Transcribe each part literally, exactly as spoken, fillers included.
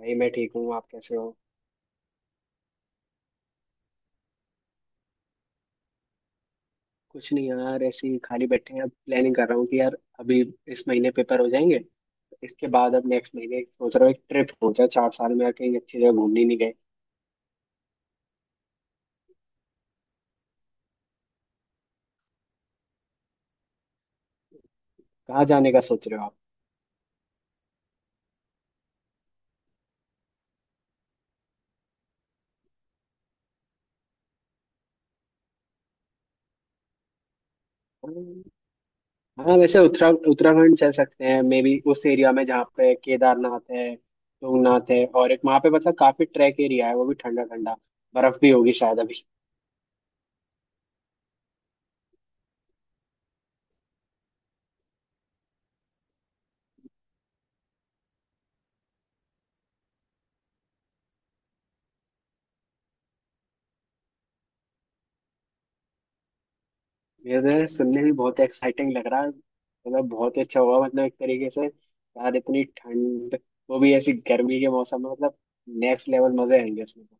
भाई मैं ठीक हूँ। आप कैसे हो? कुछ नहीं यार, ऐसे ही खाली बैठे हैं। अब प्लानिंग कर रहा हूँ कि यार अभी इस महीने पेपर हो जाएंगे, तो इसके बाद अब नेक्स्ट महीने सोच रहा हूँ एक ट्रिप हो जाए। चार साल में कहीं अच्छी जगह घूमने नहीं गए। कहाँ जाने का सोच रहे हो आप? हम्म, हाँ वैसे उत्तरा उत्तराखंड चल सकते हैं मे बी। उस एरिया में जहाँ पे केदारनाथ है, तुंगनाथ है, और एक वहाँ पे मतलब काफी ट्रैक एरिया है। वो भी ठंडा ठंडा, बर्फ भी होगी शायद अभी। ये सुनने में बहुत एक्साइटिंग लग रहा है। मतलब बहुत ही अच्छा हुआ, मतलब एक तरीके से यार इतनी ठंड वो भी ऐसी गर्मी के मौसम में, मतलब नेक्स्ट लेवल मजे आएंगे उसमें तो।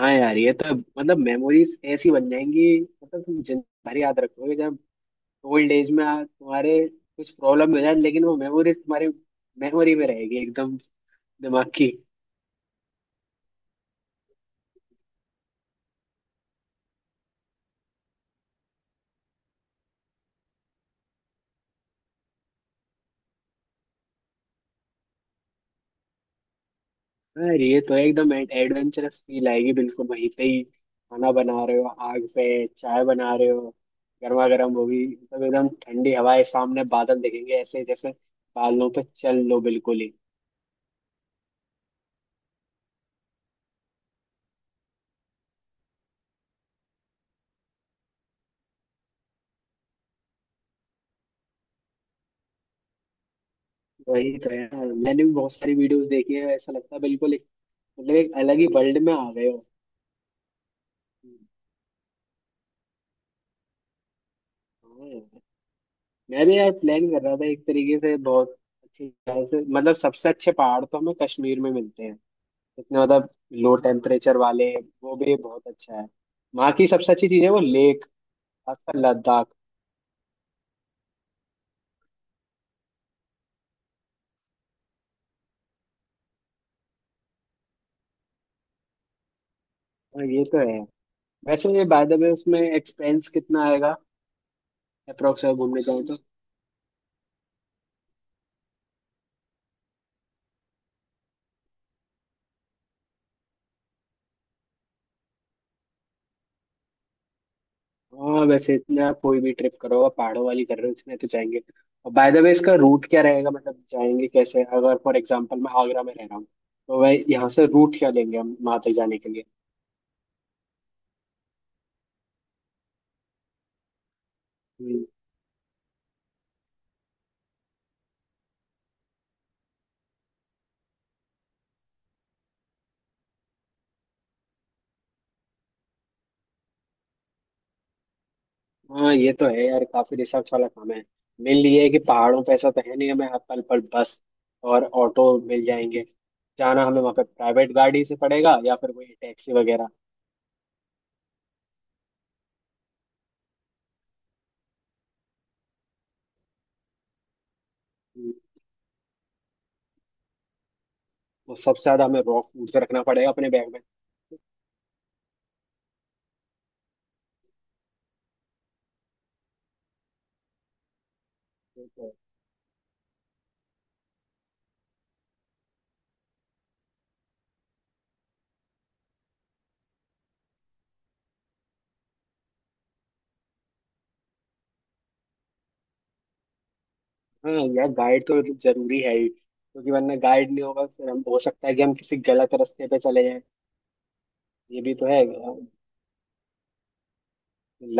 हाँ यार ये तो मतलब मेमोरीज ऐसी बन जाएंगी, मतलब तुम जिंदगी भर याद रखोगे। जब ओल्ड एज में आ- तुम्हारे कुछ प्रॉब्लम हो जाए, लेकिन वो मेमोरीज तुम्हारी मेमोरी में रहेगी एकदम, दिमाग की। अरे ये तो एकदम एडवेंचरस फील आएगी। बिल्कुल वहीं पे ही खाना बना रहे हो आग पे, चाय बना रहे हो गर्मा गर्म, वो भी मतलब एकदम ठंडी हवाएं, सामने बादल दिखेंगे ऐसे जैसे बादलों पे चल लो बिल्कुल ही। वही तो है, मैंने भी बहुत सारी वीडियोस देखी है। ऐसा लगता है बिल्कुल एक- मतलब एक अलग ही वर्ल्ड में आ गए हो। हाँ यार, मैं भी यार प्लान कर रहा था एक तरीके से बहुत अच्छी तरह से। मतलब सबसे अच्छे पहाड़ तो हमें कश्मीर में मिलते हैं, जितने मतलब लो टेम्परेचर वाले। वो भी बहुत अच्छा है, वहाँ की सबसे अच्छी चीज़ है वो लेक, खासकर लद्दाख। हाँ, ये तो है। वैसे बाय द वे उसमें एक्सपेंस कितना आएगा अप्रोक्स, घूमने जाए तो? हाँ वैसे इतना कोई भी ट्रिप करो, पहाड़ों वाली कर रहे हो इसमें तो जाएंगे। और बाय द वे इसका रूट क्या रहेगा? मतलब जाएंगे कैसे? अगर फॉर एग्जाम्पल मैं आगरा में रह रहा हूँ, तो वह यहाँ से रूट क्या लेंगे हम वहाँ तक जाने के लिए? हाँ ये तो है यार, काफी रिसर्च वाला काम है। मेन ये है कि पहाड़ों पे ऐसा तो है नहीं हमें हर पल पर बस और ऑटो मिल जाएंगे। जाना हमें वहाँ पे प्राइवेट गाड़ी से पड़ेगा या फिर कोई टैक्सी वगैरह। तो सबसे ज्यादा हमें रॉ फूड से रखना पड़ेगा अपने बैग में। ये तो है। हाँ यार, गाइड तो जरूरी है ही क्योंकि वरना गाइड नहीं होगा फिर हम हो सकता है कि हम किसी गलत रास्ते पे चले जाएं। ये भी तो है,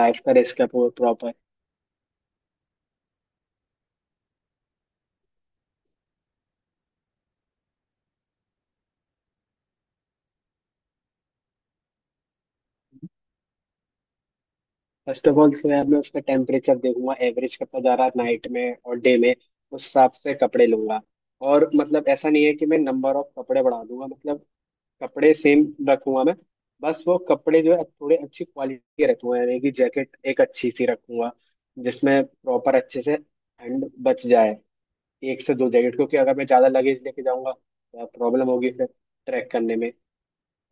लाइफ का रिस्क है प्रॉपर। फर्स्ट ऑफ ऑल मैं मैं उसका टेम्परेचर देखूंगा एवरेज कितना जा रहा है नाइट में और डे में। उस हिसाब से कपड़े लूंगा। और मतलब ऐसा नहीं है कि मैं नंबर ऑफ कपड़े बढ़ा दूंगा, मतलब कपड़े सेम रखूंगा मैं। बस वो कपड़े जो है थोड़े अच्छी क्वालिटी के रखूंगा, यानी कि जैकेट एक अच्छी सी रखूंगा जिसमें प्रॉपर अच्छे से ठंड बच जाए। एक से दो जैकेट, क्योंकि अगर मैं ज़्यादा लगेज लेके जाऊंगा तो प्रॉब्लम होगी फिर ट्रैक करने में।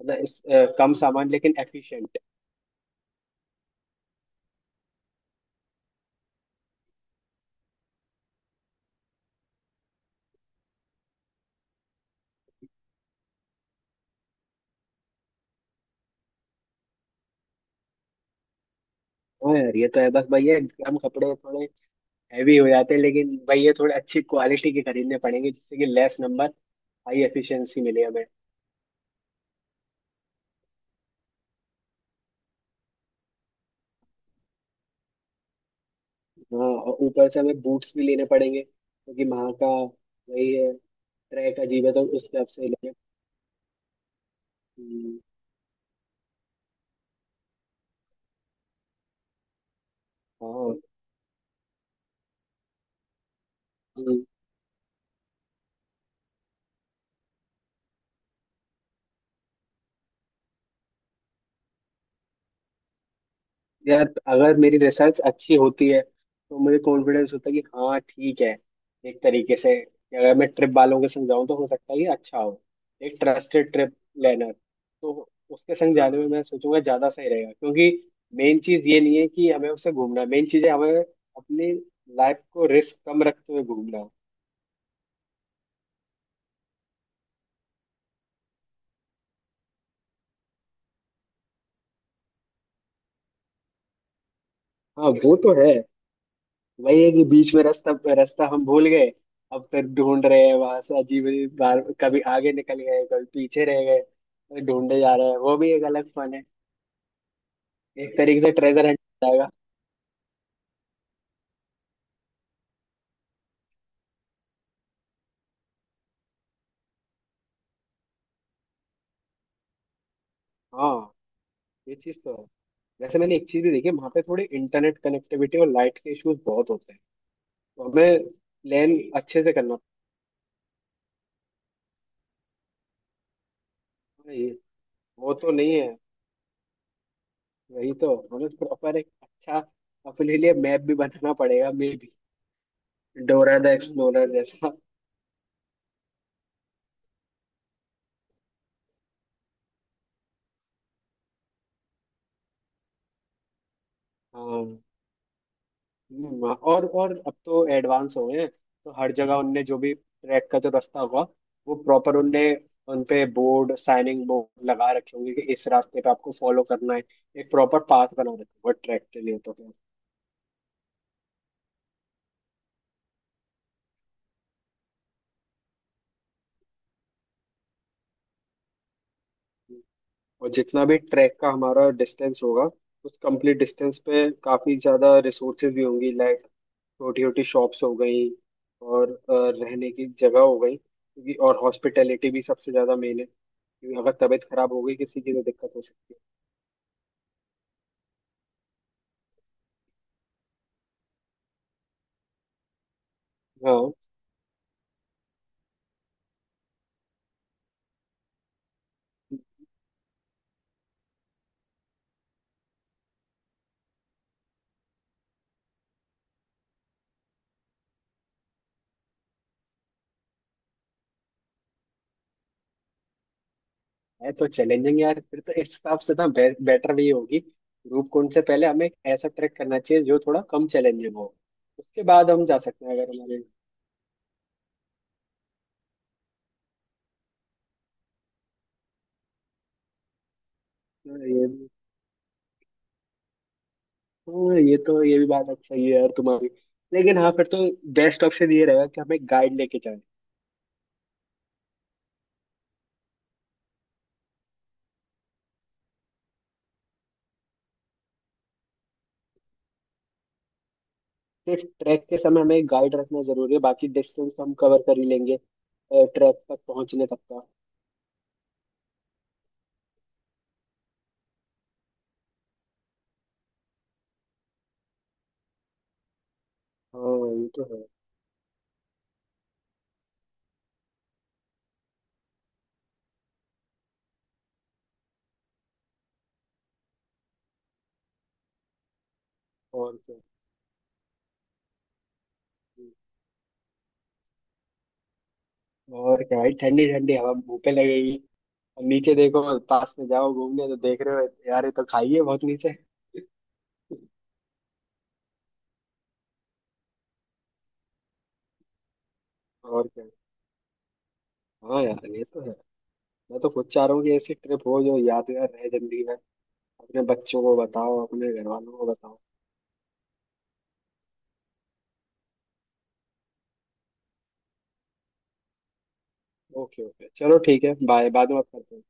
मतलब इस अ, कम सामान लेकिन एफिशिएंट। हाँ यार ये तो है बस भैया, कम कपड़े थोड़े हैवी हो जाते हैं, लेकिन भाई ये थोड़े अच्छी क्वालिटी के खरीदने पड़ेंगे जिससे कि लेस नंबर, हाई एफिशिएंसी मिले हमें। हाँ, और ऊपर से हमें बूट्स भी लेने पड़ेंगे क्योंकि वहाँ का वही है, ट्रैक अजीब है, तो उस हिसाब से लेंगे। हम्म, हाँ। हम्म, यार अगर मेरी रिसर्च अच्छी होती है तो मुझे कॉन्फिडेंस होता है कि हाँ ठीक है, एक तरीके से कि अगर मैं ट्रिप वालों के संग जाऊँ तो हो सकता है कि अच्छा हो, एक ट्रस्टेड ट्रिप प्लानर। तो उसके संग जाने में मैं सोचूंगा ज़्यादा सही रहेगा, क्योंकि मेन चीज़ ये नहीं है कि हमें उससे घूमना, मेन चीज़ है हमें अपनी लाइफ को रिस्क कम रखते हुए घूमना। हाँ वो तो है। वही है कि बीच में रास्ता रास्ता हम भूल गए, अब फिर ढूंढ रहे हैं वहां से। अजीब अजीब बार, कभी आगे निकल गए कभी पीछे रह गए, फिर ढूंढे जा रहे हैं, वो भी एक अलग फन है। एक तरीके से ट्रेजर हंट जाएगा। हाँ, ये चीज तो है। वैसे मैंने एक चीज भी देखी, वहां पे थोड़ी इंटरनेट कनेक्टिविटी और लाइट के इश्यूज बहुत होते हैं, तो हमें प्लान अच्छे से करना पड़ता है ये। वो तो नहीं है। वही तो हमें प्रॉपर एक अच्छा अपने लिए मैप भी बनाना पड़ेगा maybe, Dora the explorer जैसा। हाँ। हम्म, और और अब तो एडवांस हो गए हैं, तो हर जगह उनने जो भी ट्रैक का जो रास्ता होगा वो प्रॉपर उनने उनपे बोर्ड, साइनिंग बोर्ड लगा रखे होंगे कि इस रास्ते पे आपको फॉलो करना है। एक प्रॉपर पाथ बना रखा होगा ट्रैक के लिए, तो फिर और जितना भी ट्रैक का हमारा डिस्टेंस होगा उस कंप्लीट डिस्टेंस पे काफी ज्यादा रिसोर्सेज भी होंगी, लाइक छोटी छोटी शॉप्स हो गई और अ, रहने की जगह हो गई, क्योंकि और हॉस्पिटैलिटी भी सबसे ज्यादा मेन है क्योंकि अगर तबीयत खराब हो गई किसी की तो दिक्कत हो सकती है। हाँ, है तो चैलेंजिंग यार, फिर तो इस हिसाब से ना बे, बेटर भी होगी रूपकुंड से पहले हमें एक ऐसा ट्रैक करना चाहिए जो थोड़ा कम चैलेंजिंग हो, उसके बाद हम जा सकते हैं अगर हमारे। हाँ, ये भी हाँ ये तो ये भी बात अच्छा ही है यार तुम्हारी। लेकिन हाँ फिर तो बेस्ट ऑप्शन ये रहेगा कि हमें गाइड लेके जाए। सिर्फ ट्रैक के समय हमें गाइड रखना जरूरी है, बाकी डिस्टेंस हम कवर कर ही लेंगे ट्रैक तक पहुंचने तक का। हाँ ये तो है। और क्या। और क्या भाई, ठंडी ठंडी हवा मुंह पे लगेगी। नीचे देखो, पास में जाओ घूमने, तो देख रहे हो यार ये तो खाई है बहुत नीचे। और क्या। हाँ यार ये तो है, मैं तो खुद चाह रहा हूँ कि ऐसी ट्रिप हो जो यादगार रहे जिंदगी में। अपने बच्चों को बताओ, अपने घर वालों को बताओ। ओके ओके, चलो ठीक है, बाय, बाद में बात करते हैं।